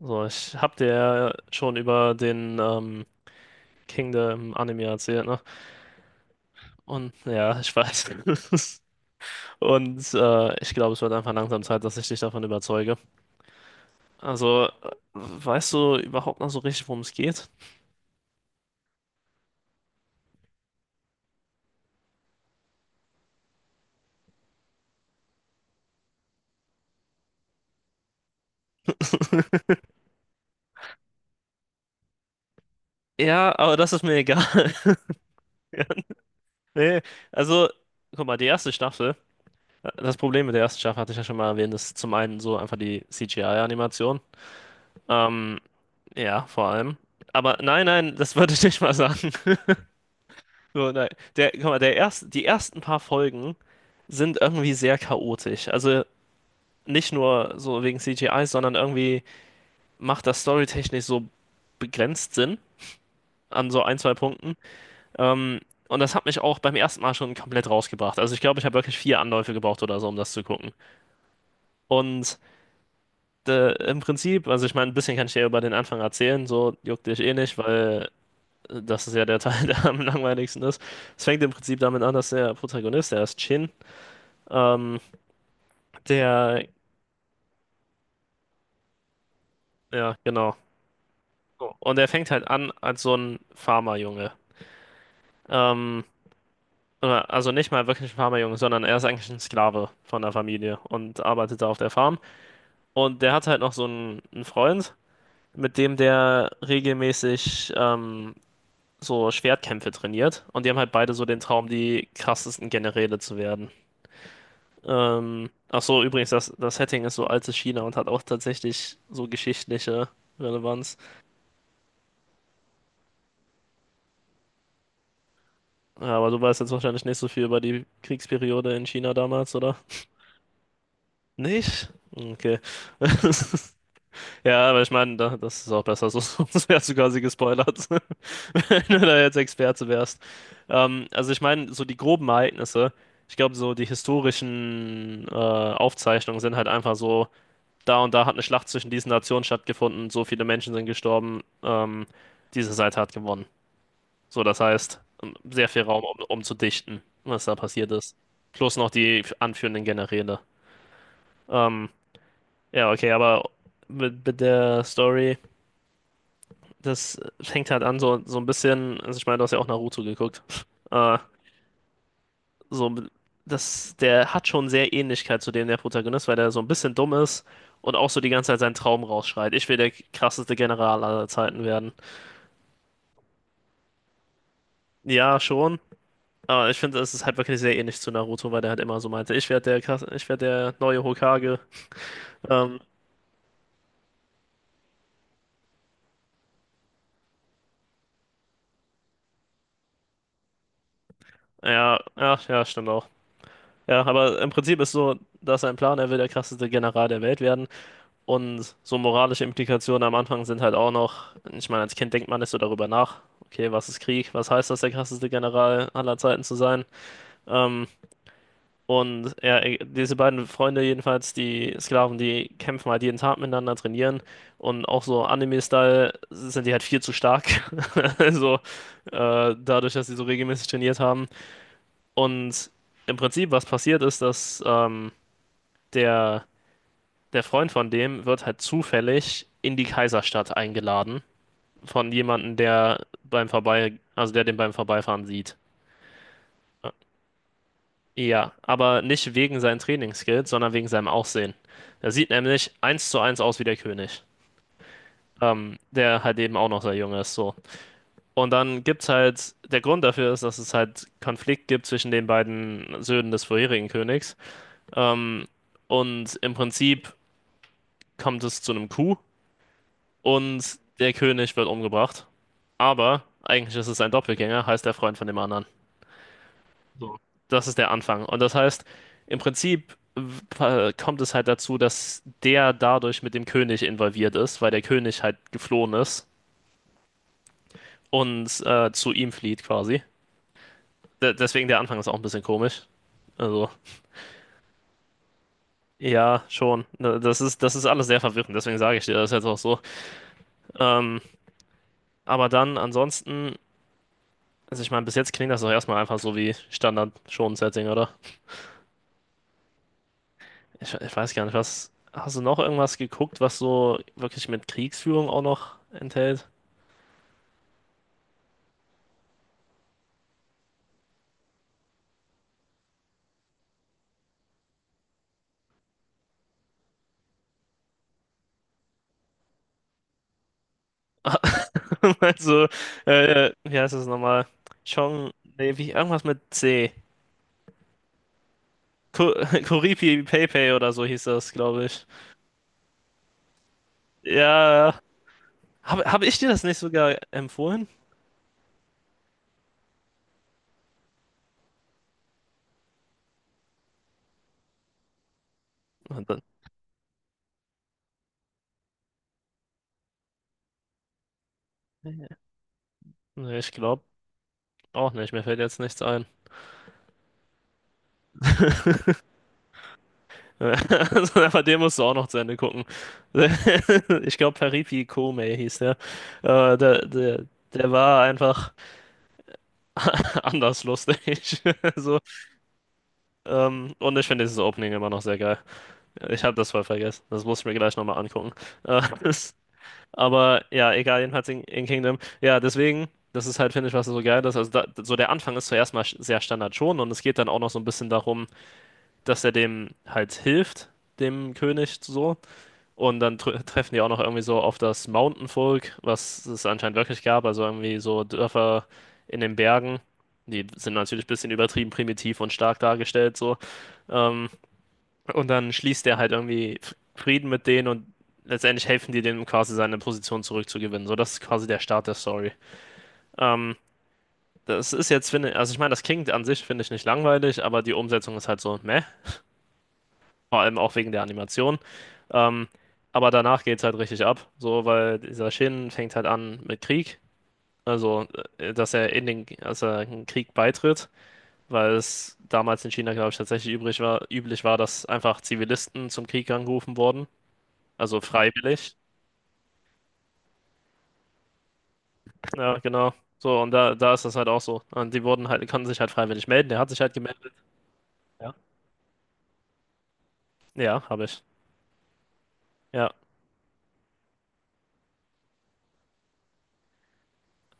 So, ich hab dir ja schon über den King der Anime erzählt, ne? Und ja, ich weiß. Und ich glaube, es wird einfach langsam Zeit, dass ich dich davon überzeuge. Also, äh, Weißt du überhaupt noch so richtig, worum es geht? Ja, aber das ist mir egal. Nee, also, guck mal, die erste Staffel, das Problem mit der ersten Staffel hatte ich ja schon mal erwähnt, ist zum einen so einfach die CGI-Animation. Ähm, ja, vor allem. Aber nein, nein, das würde ich nicht mal sagen. So, nein. Guck mal, die ersten paar Folgen sind irgendwie sehr chaotisch. Also nicht nur so wegen CGI, sondern irgendwie macht das storytechnisch so begrenzt Sinn an so ein, zwei Punkten. Ähm, und das hat mich auch beim ersten Mal schon komplett rausgebracht. Also ich glaube, ich habe wirklich vier Anläufe gebraucht oder so, um das zu gucken. Und im Prinzip, also ich meine, ein bisschen kann ich dir über den Anfang erzählen, so juckt dich eh nicht, weil das ist ja der Teil, der am langweiligsten ist. Es fängt im Prinzip damit an, dass der Protagonist, der ist Chin, ähm, Der, ja, genau. Und er fängt halt an als so ein Farmerjunge. Ähm, oder- also nicht mal wirklich ein Farmerjunge, sondern er ist eigentlich ein Sklave von der Familie und arbeitet da auf der Farm. Und der hat halt noch einen Freund, mit dem der regelmäßig so Schwertkämpfe trainiert. Und die haben halt beide so den Traum, die krassesten Generäle zu werden. Ach so, übrigens, das Setting ist so altes China und hat auch tatsächlich so geschichtliche Relevanz. Ja, aber du weißt jetzt wahrscheinlich nicht so viel über die Kriegsperiode in China damals, oder? Nicht? Okay. Ja, aber ich meine, da, das ist auch besser, so, sonst wärst du quasi gespoilert, wenn du da jetzt Experte wärst. Also ich meine, so die groben Ereignisse, ich glaube, so die historischen Aufzeichnungen sind halt einfach so, da und da hat eine Schlacht zwischen diesen Nationen stattgefunden, so viele Menschen sind gestorben, diese Seite hat gewonnen. So, das heißt, sehr viel Raum, um zu dichten, was da passiert ist. Plus noch die anführenden Generäle. Ähm, ja, okay, aber mit der Story, das fängt halt an, so, so ein bisschen, also ich meine, du hast ja auch Naruto geguckt. Äh, so, das, der hat schon sehr Ähnlichkeit zu dem der Protagonist, weil der so ein bisschen dumm ist und auch so die ganze Zeit seinen Traum rausschreit. Ich will der krasseste General aller Zeiten werden. Ja, schon. Aber ich finde, es ist halt wirklich sehr ähnlich zu Naruto, weil der halt immer so meinte, ich werde der, Krass- ich werde der neue Hokage. Ähm, ja, ja, ja, stimmt auch. Ja, aber im Prinzip ist so, dass sein Plan, er will der krasseste General der Welt werden. Und so moralische Implikationen am Anfang sind halt auch noch, ich meine, als Kind denkt man nicht so darüber nach. Okay, was ist Krieg? Was heißt das, der krasseste General aller Zeiten zu sein? Ähm, Und ja, diese beiden Freunde jedenfalls, die Sklaven, die kämpfen halt jeden Tag miteinander, trainieren und auch so Anime-Style sind die halt viel zu stark. Also dadurch, dass sie so regelmäßig trainiert haben. Und im Prinzip, was passiert ist, dass der, der Freund von dem wird halt zufällig in die Kaiserstadt eingeladen von jemandem, der beim Vorbei, also der den beim Vorbeifahren sieht. Ja, aber nicht wegen seinen Trainingsskills, sondern wegen seinem Aussehen. Er sieht nämlich eins zu eins aus wie der König, der halt eben auch noch sehr jung ist, so. Und dann gibt's halt, der Grund dafür ist, dass es halt Konflikt gibt zwischen den beiden Söhnen des vorherigen Königs. Ähm, und im Prinzip kommt es zu einem Coup und der König wird umgebracht. Aber eigentlich ist es ein Doppelgänger, heißt der Freund von dem anderen. Das ist der Anfang. Und das heißt, im Prinzip kommt es halt dazu, dass der dadurch mit dem König involviert ist, weil der König halt geflohen ist und zu ihm flieht quasi. De deswegen der Anfang ist auch ein bisschen komisch. Also, ja, schon. Ne, das ist, das ist alles sehr verwirrend, deswegen sage ich dir das jetzt auch so. Ähm, aber dann ansonsten, also ich meine, bis jetzt klingt das doch erstmal einfach so wie Standard Shonen-Setting, oder? Ich weiß gar nicht, was. Hast du noch irgendwas geguckt, was so wirklich mit Kriegsführung auch noch enthält? Also, wie heißt es nochmal? Chong, nee, wie, irgendwas mit C. Ko Koripi Pepe oder so hieß das, glaube ich. Ja, hab ich dir das nicht sogar empfohlen? Und nee, ich glaube auch nicht, mir fällt jetzt nichts ein. Also, aber den musst du auch noch zu Ende gucken. Ich glaube, Peripi Kome hieß der. Der. Der war einfach anders lustig. So, und ich finde dieses Opening immer noch sehr geil. Ich habe das voll vergessen. Das muss ich mir gleich nochmal angucken. Äh, Aber ja, egal, jedenfalls in Kingdom. Ja, deswegen, das ist halt, finde ich, was so geil ist. Also, da, so der Anfang ist zuerst mal sch- sehr Standard schon und es geht dann auch noch so ein bisschen darum, dass er dem halt hilft, dem König so. Und dann tr treffen die auch noch irgendwie so auf das Mountainvolk, was es anscheinend wirklich gab. Also irgendwie so Dörfer in den Bergen. Die sind natürlich ein bisschen übertrieben primitiv und stark dargestellt so. Ähm, und dann schließt er halt irgendwie Frieden mit denen und letztendlich helfen die dem quasi seine Position zurückzugewinnen. So, das ist quasi der Start der Story. Ähm, Das ist jetzt, finde ich, also ich meine, das klingt an sich, finde ich, nicht langweilig, aber die Umsetzung ist halt so, meh. Vor allem auch wegen der Animation. Ähm, aber danach geht's halt richtig ab. So, weil dieser Shin fängt halt an mit Krieg. Also, dass er in den, dass er in den Krieg beitritt, weil es damals in China, glaube ich, tatsächlich übrig war, üblich war, dass einfach Zivilisten zum Krieg angerufen wurden. Also freiwillig. Ja, genau. So, und da, da ist das halt auch so. Und die wurden halt, konnten sich halt freiwillig melden. Der hat sich halt gemeldet. Ja. Ja, habe ich. Ja.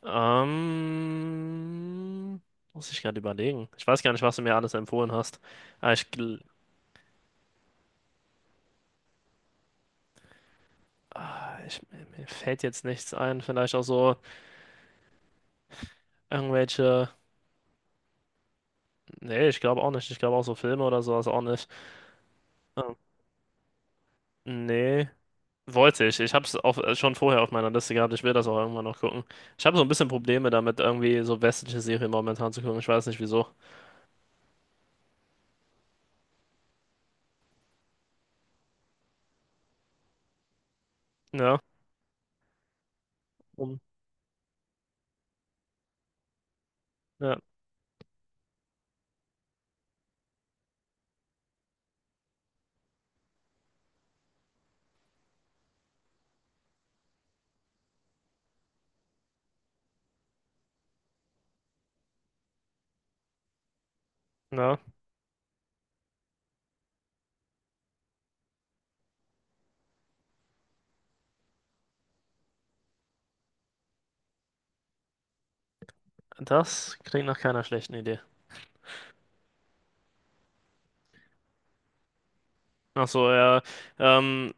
Ähm, Muss ich gerade überlegen. Ich weiß gar nicht, was du mir alles empfohlen hast. Aber ich, gl- ah, ich, mir fällt jetzt nichts ein. Vielleicht auch so irgendwelche. Nee, ich glaube auch nicht. Ich glaube auch so Filme oder sowas auch nicht. Ähm, nee. Wollte ich. Ich habe es auch schon vorher auf meiner Liste gehabt. Ich will das auch irgendwann noch gucken. Ich habe so ein bisschen Probleme damit, irgendwie so westliche Serien momentan zu gucken. Ich weiß nicht wieso. Ja, um, ja, ja. Das klingt nach keiner schlechten Idee. Ach so, ja. Ähm,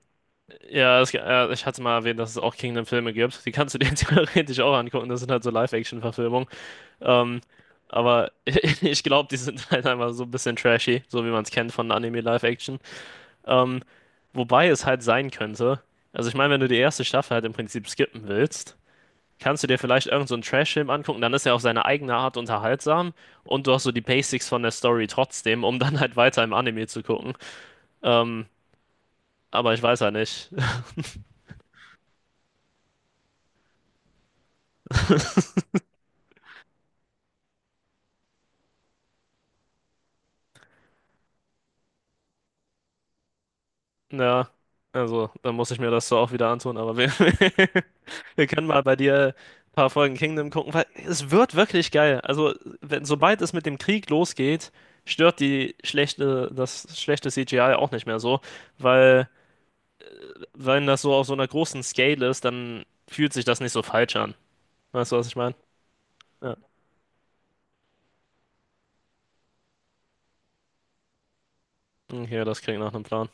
ja, es, ja, ich hatte mal erwähnt, dass es auch Kingdom-Filme gibt. Die kannst du dir theoretisch auch angucken. Das sind halt so Live-Action-Verfilmungen. Ähm, aber ich glaube, die sind halt einfach so ein bisschen trashy, so wie man es kennt von Anime-Live-Action. Ähm, Wobei es halt sein könnte, also ich meine, wenn du die erste Staffel halt im Prinzip skippen willst, kannst du dir vielleicht irgend so einen Trash-Film angucken, dann ist er auf seine eigene Art unterhaltsam und du hast so die Basics von der Story trotzdem, um dann halt weiter im Anime zu gucken. Ähm, aber ich weiß ja nicht. Ja, also dann muss ich mir das so auch wieder antun, aber wir, wir können mal bei dir ein paar Folgen Kingdom gucken, weil es wird wirklich geil. Also, wenn, sobald es mit dem Krieg losgeht, stört die schlechte, das schlechte CGI auch nicht mehr so, weil wenn das so auf so einer großen Scale ist, dann fühlt sich das nicht so falsch an. Weißt du, was ich meine? Ja. Okay, das klingt nach einem Plan.